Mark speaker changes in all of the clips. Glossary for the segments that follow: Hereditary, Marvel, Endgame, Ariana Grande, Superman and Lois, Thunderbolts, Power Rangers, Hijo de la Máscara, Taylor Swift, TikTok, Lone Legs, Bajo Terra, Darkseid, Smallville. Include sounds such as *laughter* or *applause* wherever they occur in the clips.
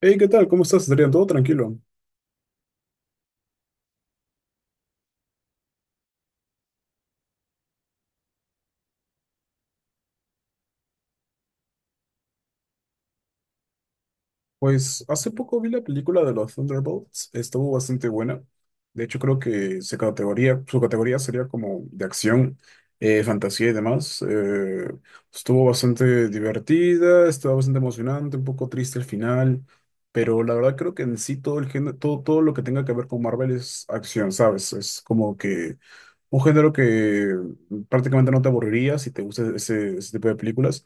Speaker 1: Hey, ¿qué tal? ¿Cómo estás, Adrián? ¿Todo tranquilo? Pues hace poco vi la película de los Thunderbolts, estuvo bastante buena. De hecho, creo que su categoría sería como de acción, fantasía y demás. Estuvo bastante divertida, estaba bastante emocionante, un poco triste al final, pero la verdad creo que en sí todo el género, todo lo que tenga que ver con Marvel es acción, ¿sabes? Es como que un género que prácticamente no te aburriría si te gusta ese tipo de películas.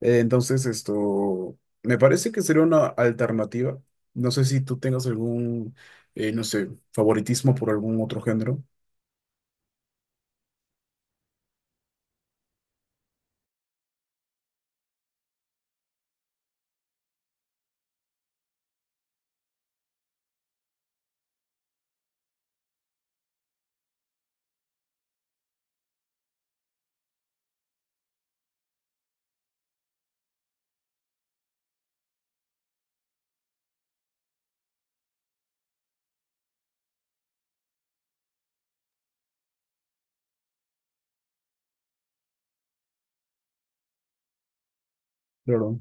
Speaker 1: Entonces, esto me parece que sería una alternativa. No sé si tú tengas algún, no sé, favoritismo por algún otro género. Claro.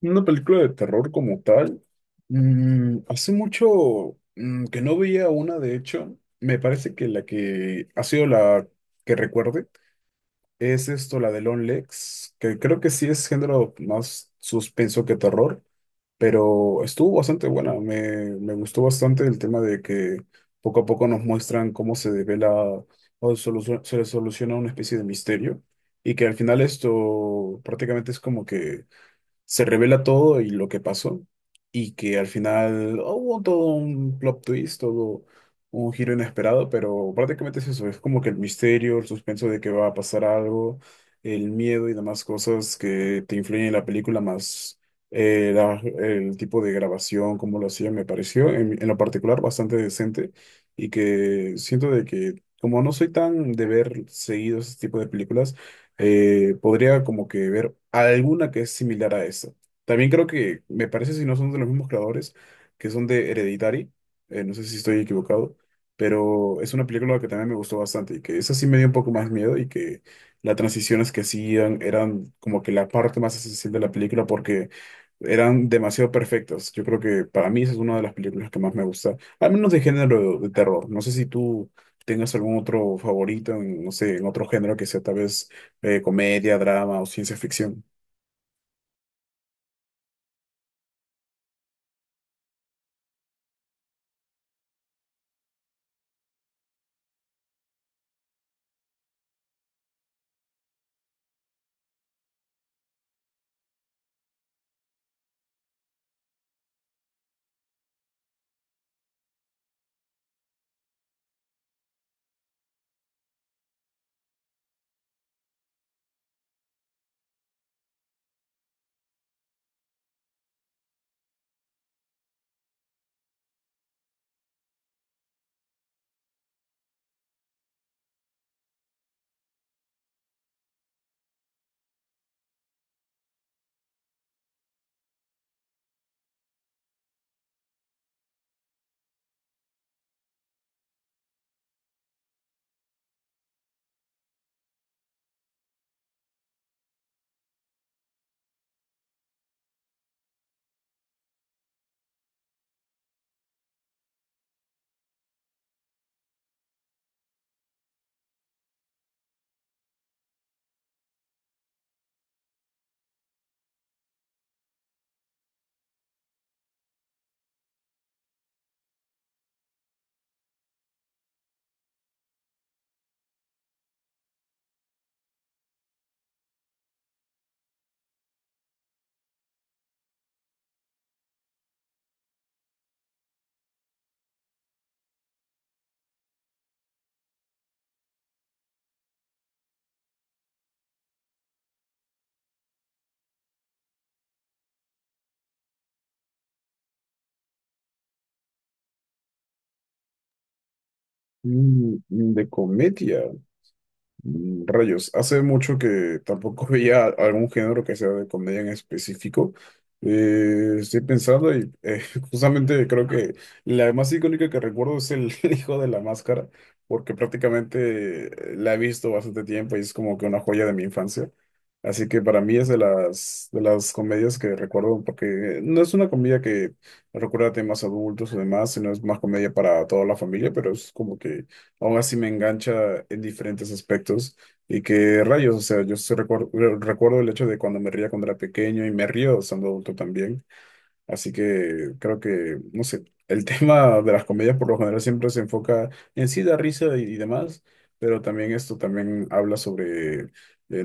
Speaker 1: Una película de terror como tal. Hace mucho que no veía una, de hecho. Me parece que la que ha sido la que recuerde es esto, la de Lone Legs, que creo que sí es género más suspenso que terror, pero estuvo bastante buena. Me gustó bastante el tema de que poco a poco nos muestran cómo se devela o se soluciona una especie de misterio, y que al final esto prácticamente es como que se revela todo y lo que pasó, y que al final oh, hubo todo un plot twist, todo un giro inesperado, pero prácticamente es eso, es como que el misterio, el suspenso de que va a pasar algo, el miedo y demás cosas que te influyen en la película, más el tipo de grabación, cómo lo hacían, me pareció en lo particular bastante decente, y que siento de que... Como no soy tan de ver seguido ese tipo de películas, podría como que ver alguna que es similar a esa. También creo que, me parece si no son de los mismos creadores, que son de Hereditary, no sé si estoy equivocado, pero es una película que también me gustó bastante y que esa sí me dio un poco más miedo, y que las transiciones que hacían eran como que la parte más esencial de la película porque eran demasiado perfectas. Yo creo que para mí esa es una de las películas que más me gusta, al menos de género de terror. No sé si tú tengas algún otro favorito, en, no sé, en otro género que sea tal vez comedia, drama o ciencia ficción. Mm, de comedia. Mm, rayos, hace mucho que tampoco *laughs* veía algún género que sea de comedia en específico. Estoy pensando y *laughs* justamente creo que la más icónica que recuerdo es el *laughs* Hijo de la Máscara, porque prácticamente la he visto bastante tiempo y es como que una joya de mi infancia. Así que para mí es de de las comedias que recuerdo, porque no es una comedia que recuerda temas adultos o demás, sino es más comedia para toda la familia, pero es como que aún así me engancha en diferentes aspectos. Y que rayos, o sea, recuerdo el hecho de cuando me reía cuando era pequeño y me río estando adulto también. Así que creo que, no sé, el *laughs* tema de las comedias por lo general siempre se enfoca en sí, da risa y demás, pero también esto también habla sobre,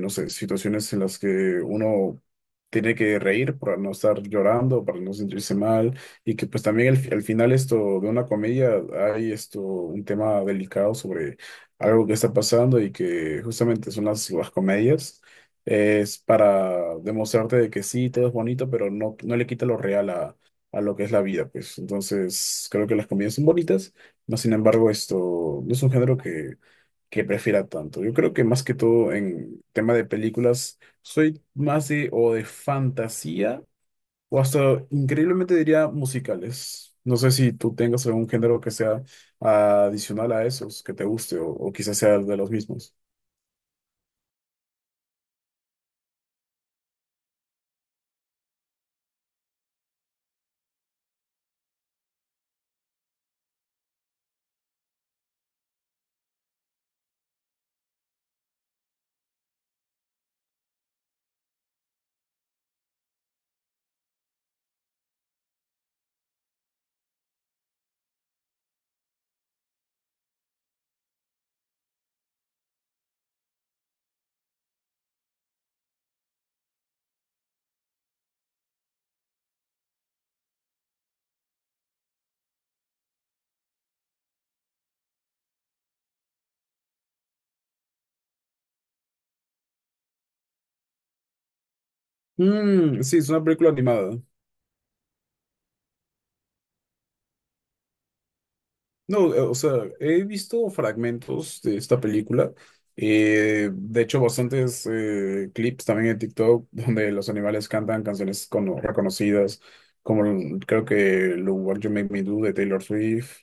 Speaker 1: no sé, situaciones en las que uno tiene que reír para no estar llorando, para no sentirse mal, y que pues también al final esto de una comedia hay esto, un tema delicado sobre algo que está pasando y que justamente son las comedias. Es para demostrarte de que sí, todo es bonito, pero no, no le quita lo real a lo que es la vida, pues. Entonces, creo que las comedias son bonitas, no sin embargo, esto no es un género que prefiera tanto. Yo creo que más que todo en tema de películas, soy más de o de fantasía o hasta increíblemente diría musicales. No sé si tú tengas algún género que sea adicional a esos que te guste o quizás sea de los mismos. Mm, sí, es una película animada. No, o sea, he visto fragmentos de esta película, de hecho, bastantes clips también en TikTok *laughs* donde los animales cantan canciones reconocidas, como creo que Lo What You Made Me Do de Taylor Swift,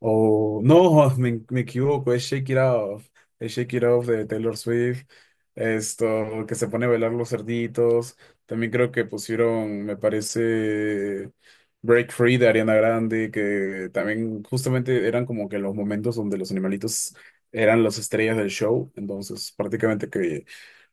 Speaker 1: o no, *laughs* me equivoco, es Shake It Off. Es Shake It Off de Taylor Swift. Esto, que se pone a bailar los cerditos. También creo que pusieron, me parece, Break Free de Ariana Grande, que también justamente eran como que los momentos donde los animalitos eran las estrellas del show. Entonces, prácticamente que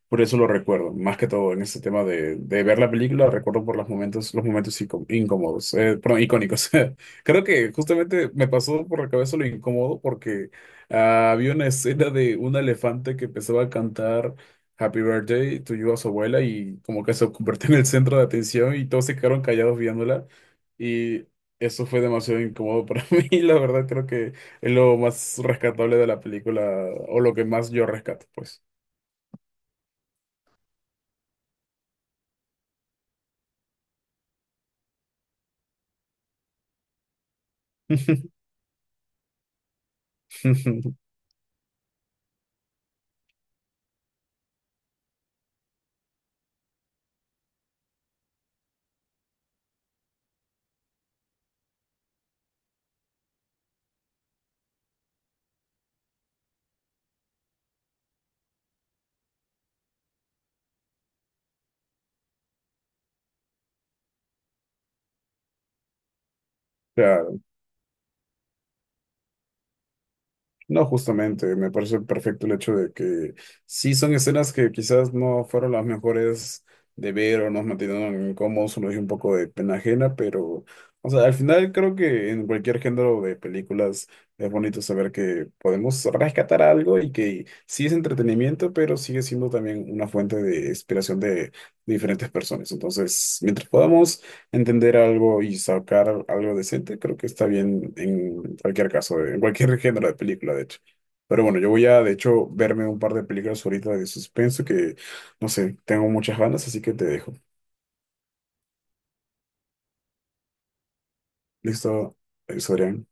Speaker 1: por eso lo recuerdo, más que todo en ese tema de ver la película, recuerdo por los momentos icónicos. *laughs* Creo que justamente me pasó por la cabeza lo incómodo porque ah, había una escena de un elefante que empezaba a cantar Happy Birthday to you a su abuela y como que se convirtió en el centro de atención y todos se quedaron callados viéndola, y eso fue demasiado incómodo para *laughs* mí, la verdad creo que es lo más rescatable de la película o lo que más yo rescato, pues. *laughs* Claro, no, justamente, me parece perfecto el hecho de que sí son escenas que quizás no fueron las mejores de ver o nos mantuvieron incómodos, o nos dio un poco de pena ajena, pero, o sea, al final creo que en cualquier género de películas es bonito saber que podemos rescatar algo y que sí es entretenimiento, pero sigue siendo también una fuente de inspiración de diferentes personas. Entonces, mientras podamos entender algo y sacar algo decente, creo que está bien en cualquier caso, en cualquier *laughs* género de película, de hecho. Pero bueno, yo voy a, de hecho, verme un par de películas ahorita de suspenso que, no sé, tengo muchas ganas, así que te dejo. Listo, Adrián.